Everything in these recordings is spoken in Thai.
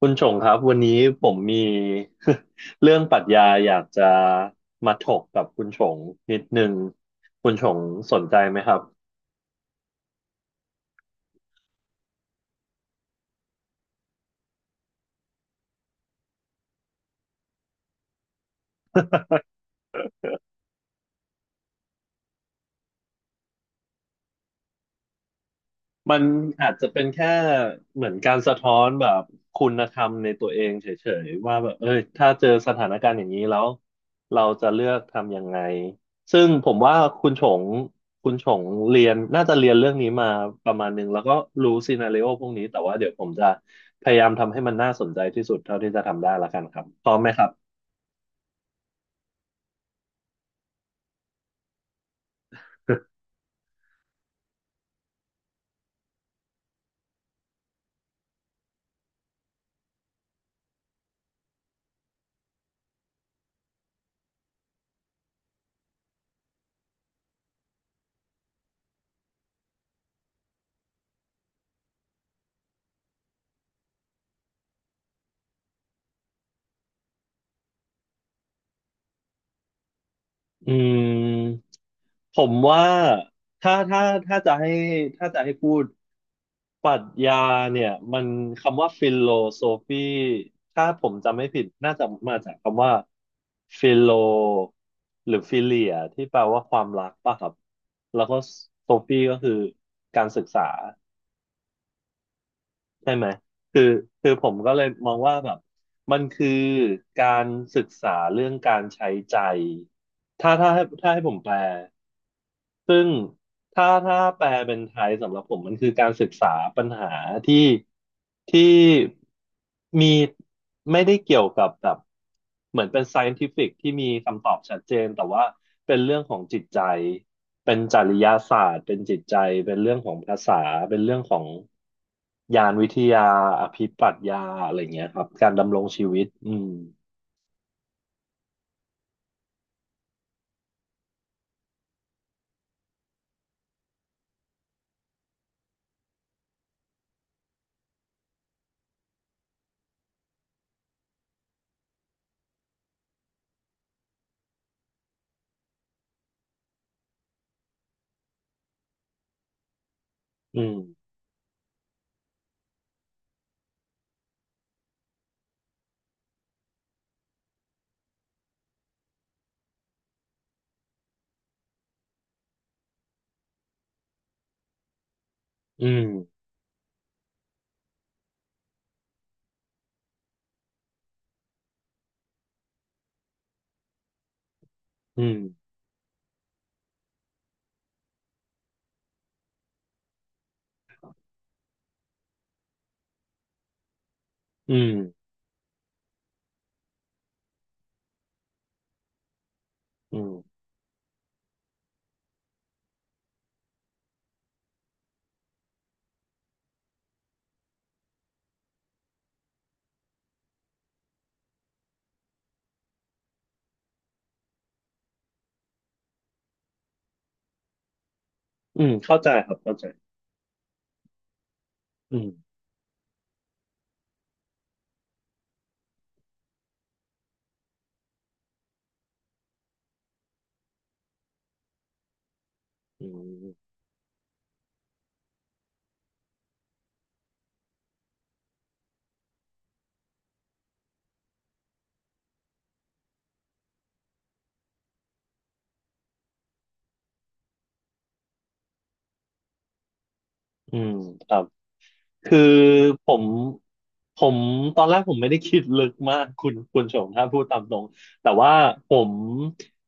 คุณชงครับวันนี้ผมมี เรื่องปรัชญาอยากจะมาถกกับคุณชงนิดนึงคุณชงสนใจไหมครับ มันอาจจะเป็นแค่เหมือนการสะท้อนแบบคุณธรรมในตัวเองเฉยๆว่าแบบเอ้ยถ้าเจอสถานการณ์อย่างนี้แล้วเราจะเลือกทำยังไงซึ่งผมว่าคุณชงคุณชงเรียนน่าจะเรียนเรื่องนี้มาประมาณหนึ่งแล้วก็รู้ซีนาริโอพวกนี้แต่ว่าเดี๋ยวผมจะพยายามทำให้มันน่าสนใจที่สุดเท่าที่จะทำได้ละกันครับพร้อมไหมครับ อืม ผมว่าถ้าถ้าถ้าจะให้ถ้าจะให้พูดปรัชญาเนี่ยมันคำว่าฟิโลโซฟีถ้าผมจำไม่ผิดน่าจะมาจากคำว่าฟิโลหรือฟิเลียที่แปลว่าความรักป่ะครับแล้วก็โซฟีก็คือการศึกษาใช่ไหมคือคือผมก็เลยมองว่าแบบมันคือการศึกษาเรื่องการใช้ใจถ้าให้ผมแปล ซึ่งถ้าแปลเป็นไทยสำหรับผมมันคือการศึกษาปัญหาที่ที่มีไม่ได้เกี่ยวกับแบบเหมือนเป็น scientific ที่มีคำตอบชัดเจนแต่ว่าเป็นเรื่องของจิตใจเป็นจริยศาสตร์เป็นจิตใจเป็นเรื่องของภาษาเป็นเรื่องของญาณวิทยาอภิปรัชญาอะไรเงี้ยครับการดำรงชีวิตอืมอืมอืมอืมอืมอืมอืมเข้าใจครับเข้าใจอืม อืมอืมครับคือผมผมตอนแรกผมไม่ได้คิดลึกมากคุณชมถ้าพูดตามตรงแต่ว่าผม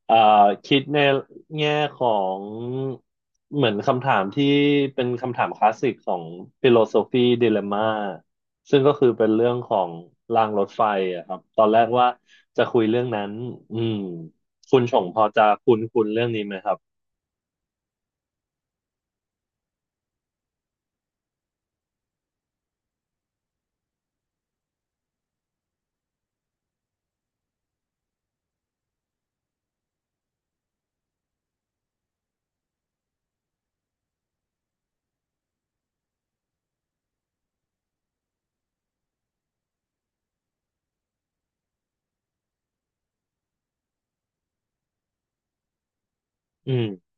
เอ่อคิดในแง่ของเหมือนคำถามที่เป็นคำถามคลาสสิกของฟิโลโซฟีดิเลม่าซึ่งก็คือเป็นเรื่องของรางรถไฟอะครับตอนแรกว่าจะคุยเรื่องนั้นอืมคุณชงพอจะคุ้นคุ้นเรื่องนี้ไหมครับอืม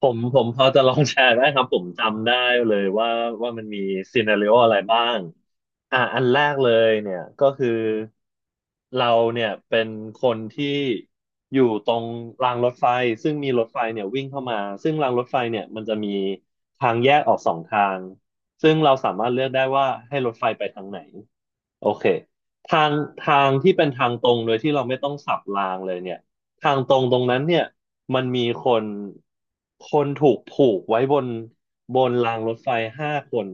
ผมพอจะลองแชร์ได้ครับผมจำได้เลยว่ามันมีซีนาริโออะไรบ้างอ่ะอันแรกเลยเนี่ยก็คือเราเนี่ยเป็นคนที่อยู่ตรงรางรถไฟซึ่งมีรถไฟเนี่ยวิ่งเข้ามาซึ่งรางรถไฟเนี่ยมันจะมีทางแยกออก2 ทางซึ่งเราสามารถเลือกได้ว่าให้รถไฟไปทางไหน โอเคทางทางที่เป็นทางตรงโดยที่เราไม่ต้องสับรางเลยเนี่ยทางตรงตรงนั้นเนี่ยมันมีคนถูกผูกไว้บนรางรถไฟห้าคน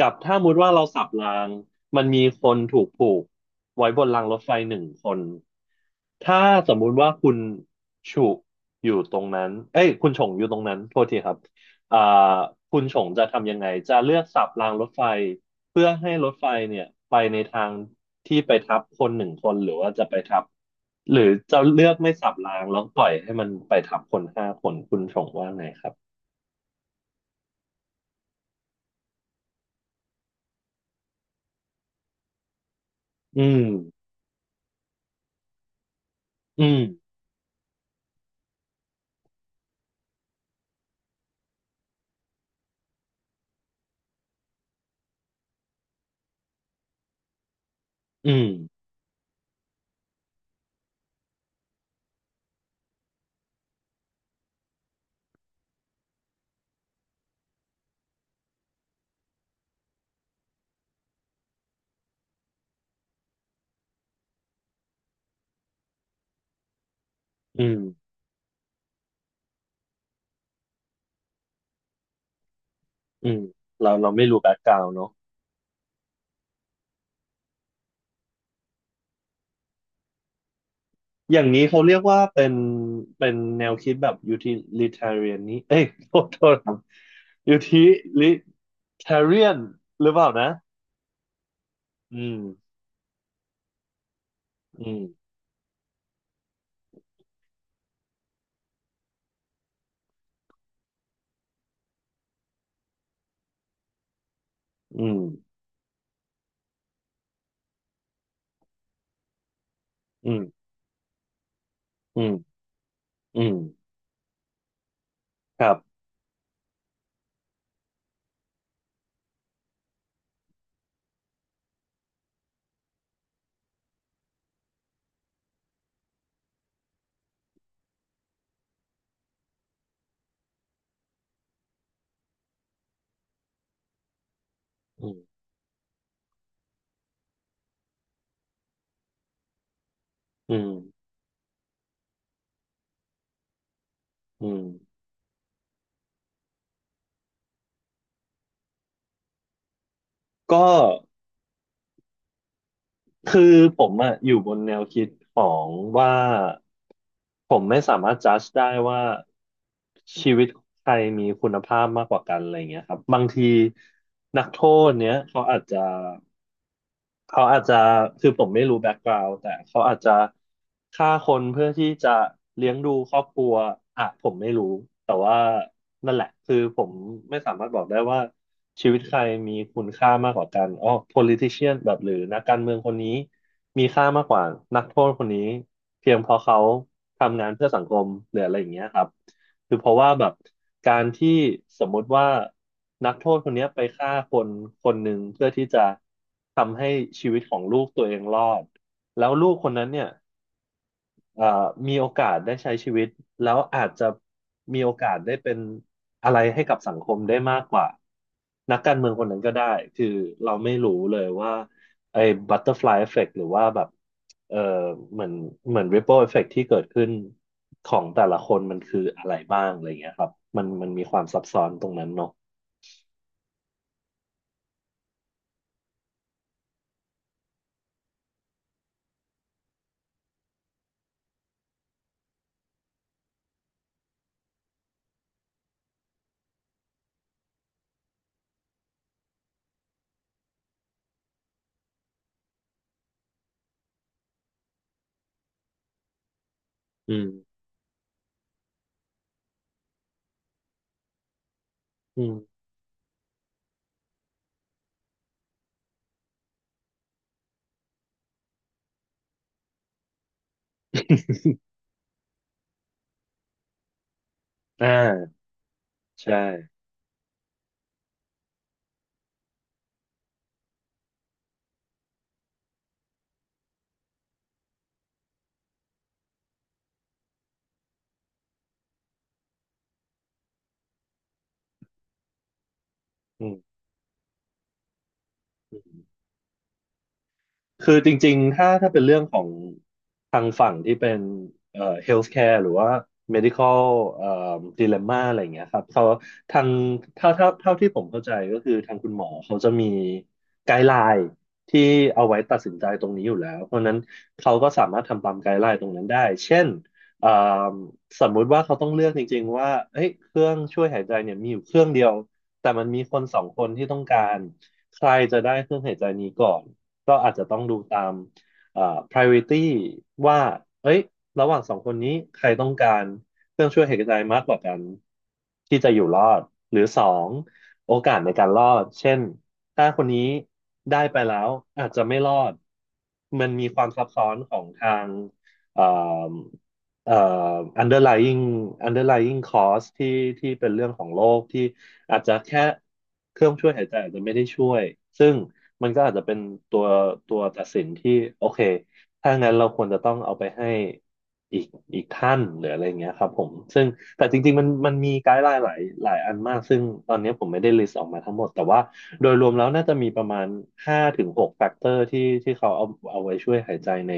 กับถ้ามุติว่าเราสับรางมันมีคนถูกผูกไว้บนรางรถไฟหนึ่งคนถ้าสมมุติว่าคุณฉุอยู่ตรงนั้นเอ้ยคุณฉงอยู่ตรงนั้นโทษทีครับอ่าคุณฉงจะทำยังไงจะเลือกสับรางรถไฟ เพื่อให้รถไฟเนี่ยไปในทางที่ไปทับคนหนึ่งคนหรือจะเลือกไม่สับรางแล้วปล่อยให้มันไปทับคนห้าคนคุณชงว่าไงครับอืมอืมอืมอืมอืมเราไม่รู้แบ็กกราวด์เนาะอย่างนี้เขาเรียกว่าเป็นแนวคิดแบบ utilitarian นี้เอ้ยโทษครับ utilitarian หรือเปล่านะอืมอืมอืมอืมอืมอืมครับ อืมอืมก็คือผมอะอยู่บนแนวคิดของว่าผมไม่สามารถจัดได้ว่าชีวิตใครมีคุณภาพมากกว่ากันอะไรเงี้ยครับบางทีนักโทษเนี้ยเขาอาจจะคือผมไม่รู้แบ็กกราว n ์แต่เขาอาจจะฆ่าคนเพื่อที่จะเลี้ยงดูครอบครัวอ่ะผมไม่รู้แต่ว่านั่นแหละคือผมไม่สามารถบอกได้ว่าชีวิตใครมีคุณค่ามากกว่ากันอ๋อ politician แบบหรือนักการเมืองคนนี้มีค่ามากกว่านักโทษคนนี้เพียงเพราะเขาทำงานเพื่อสังคมหรืออะไรอย่างเงี้ยครับ คือเพราะว่าแบบการที่สมมุติว่านักโทษคนเนี้ยไปฆ่าคนคนหนึ่งเพื่อที่จะทำให้ชีวิตของลูกตัวเองรอดแล้วลูกคนนั้นเนี่ย เอ่อมีโอกาสได้ใช้ชีวิตแล้วอาจจะมีโอกาสได้เป็นอะไรให้กับสังคมได้มากกว่านักการเมืองคนนั้นก็ได้คือเราไม่รู้เลยว่าไอ้บัตเตอร์ฟลายเอฟเฟกต์หรือว่าแบบเออเหมือนเหมือนริปเปิลเอฟเฟกต์ที่เกิดขึ้นของแต่ละคนมันคืออะไรบ้างอะไรเงี้ยครับมันมีความซับซ้อนตรงนั้นเนาะอืมอืม อ่าใช่อืม คือจริงๆถ้าเป็นเรื่องของทางฝั่งที่เป็นhealthcare หรือว่า medical เอ่อ dilemma อะไรอย่างเงี้ยครับเขาทางถ้าเท่าที่ผมเข้าใจก็คือทางคุณหมอเขาจะมีไกด์ไลน์ที่เอาไว้ตัดสินใจตรงนี้อยู่แล้วเพราะฉะนั้นเขาก็สามารถทำตามไกด์ไลน์ตรงนั้นได้เช่นเอ่อสมมุติว่าเขาต้องเลือกจริงๆว่าเอ้ยเครื่องช่วยหายใจเนี่ยมีอยู่เครื่องเดียวแต่มันมีคนสองคนที่ต้องการใครจะได้เครื่องหายใจนี้ก่อน ก็อาจจะต้องดูตามเอ่อ priority ว่าเอ้ยระหว่างสองคนนี้ใครต้องการเครื่องช่วยหายใจมากกว่ากันที่จะอยู่รอดหรือสองโอกาสในการรอดเช่นถ้าคนนี้ได้ไปแล้วอาจจะไม่รอดมันมีความซับซ้อนของทางเอ่อเอ่อ underlying underlying cause ที่เป็นเรื่องของโรคที่อาจจะแค่เครื่องช่วยหายใจอาจจะไม่ได้ช่วย ซึ่ง มันก็อาจจะเป็นตัวตัวตัดสินที่โอเค ถ้างั้นเราควรจะต้องเอาไปให้อีกอีกท่านหรืออะไรอย่างเงี้ยครับผม ซึ่งแต่จริงๆมันมีไกด์ไลน์หลายหลายอันมาก ซึ่งตอนนี้ผมไม่ได้ลิสต์ออกมาทั้งหมด แต่ว่าโดยรวมแล้วน่าจะมีประมาณห้าถึงหกแฟกเตอร์ที่เขาเอาไว้ช่วยหายใจใน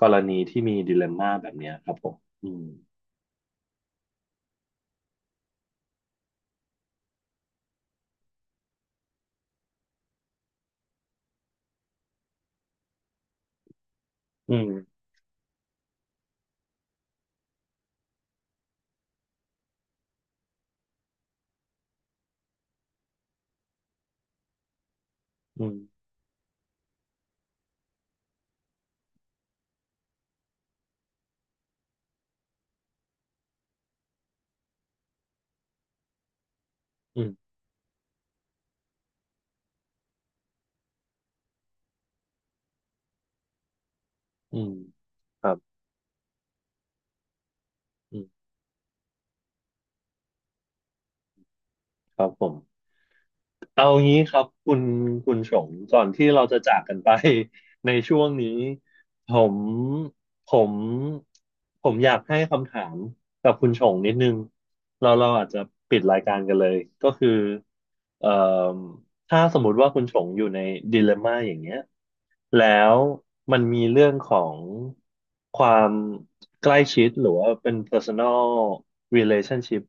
กรณีที่มีดิเลมม่าแบบเนี้ยครับผม อืมอืมอืมอืมอืมครับอืมครับผม เอางี้ครับคุณชงก่อนที่เราจะจากกันไป ในช่วงนี้ผมผมผมอยากให้คำถามกับคุณชงนิดนึงเราอาจจะปิดรายการกันเลยก็คือเอ่อถ้าสมมติว่าคุณชงอยู่ในดิเลมม่าอย่างเงี้ยแล้วมันมีเรื่องของความใกล้ชิดหรือว่าเป็น personal relationship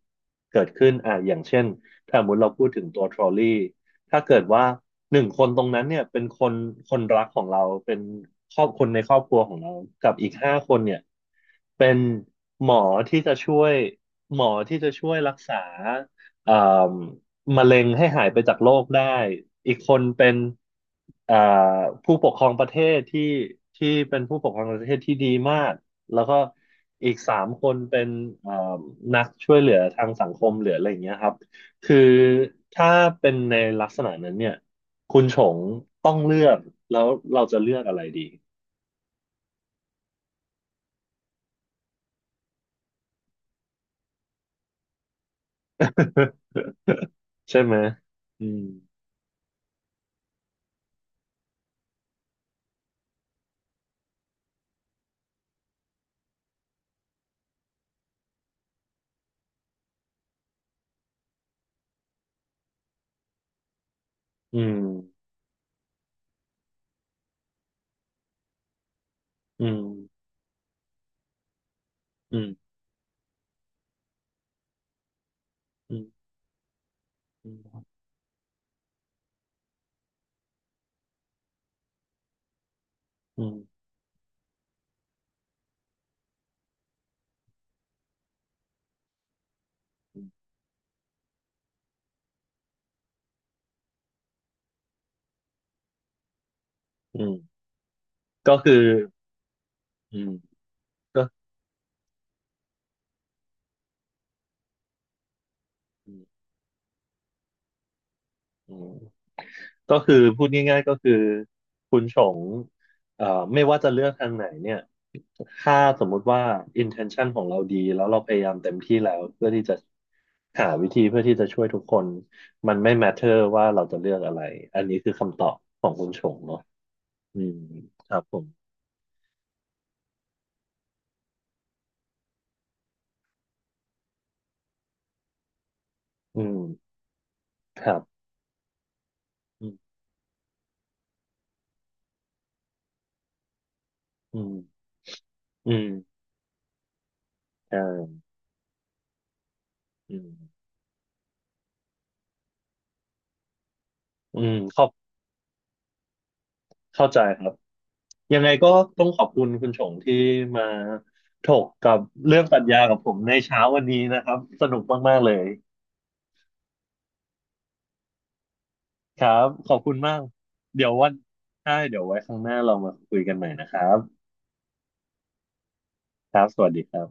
เกิดขึ้นอ่ะอย่างเช่น ถ้าสมมติเราพูดถึงตัวทรอลลี่ถ้าเกิดว่าหนึ่งคนตรงนั้นเนี่ยเป็นคนรักของเราเป็นครอบคนในครอบครัวของเรา กับอีกห้าคนเนี่ยเป็นหมอที่จะช่วยหมอที่จะช่วยรักษาเอ่มมะเร็งให้หายไปจากโลกได้ อีกคนเป็นเอ่อผู้ปกครองประเทศที่เป็นผู้ปกครองประเทศที่ดีมาก แล้วก็อีกสามคนเป็นเอ่มนักช่วยเหลือทางสังคมเหลืออะไรอย่างเงี้ยครับ คือถ้าเป็นในลักษณะนั้นเนี่ยคุณชงต้องเลือกแล้วเราจะเลือกอะไรดี ใช่ไหมอืมอืมอืมอืมอืมอืมอืมอืมก็คืออืมก็อืมอืม ก็คือพูดง่ายๆก็คือคุณชงเอ่อไม่ว่าจะเลือกทางไหนเนี่ยถ้าสมมุติว่า intention ของเราดีแล้วเราพยายามเต็มที่แล้วเพื่อที่จะหาวิธีเพื่อที่จะช่วยทุกคนมันไม่ matter ว่าเราจะเลือกอะไรอันนี้คือคำตอบของคุณชงเนาะอืมครับผมอืมครับอืมอืมอืมอ่าอืมอืมขอบ เข้าใจครับ ยังไงก็ต้องขอบคุณคุณชงที่มาถกกับเรื่องปรัชญากับผมในเช้าวันนี้นะครับ สนุกมากๆเลยครับ ขอบคุณมาก เดี๋ยววันใช่เดี๋ยวไว้ครั้งหน้าเรามาคุยกันใหม่นะครับครับสวัสดีครับ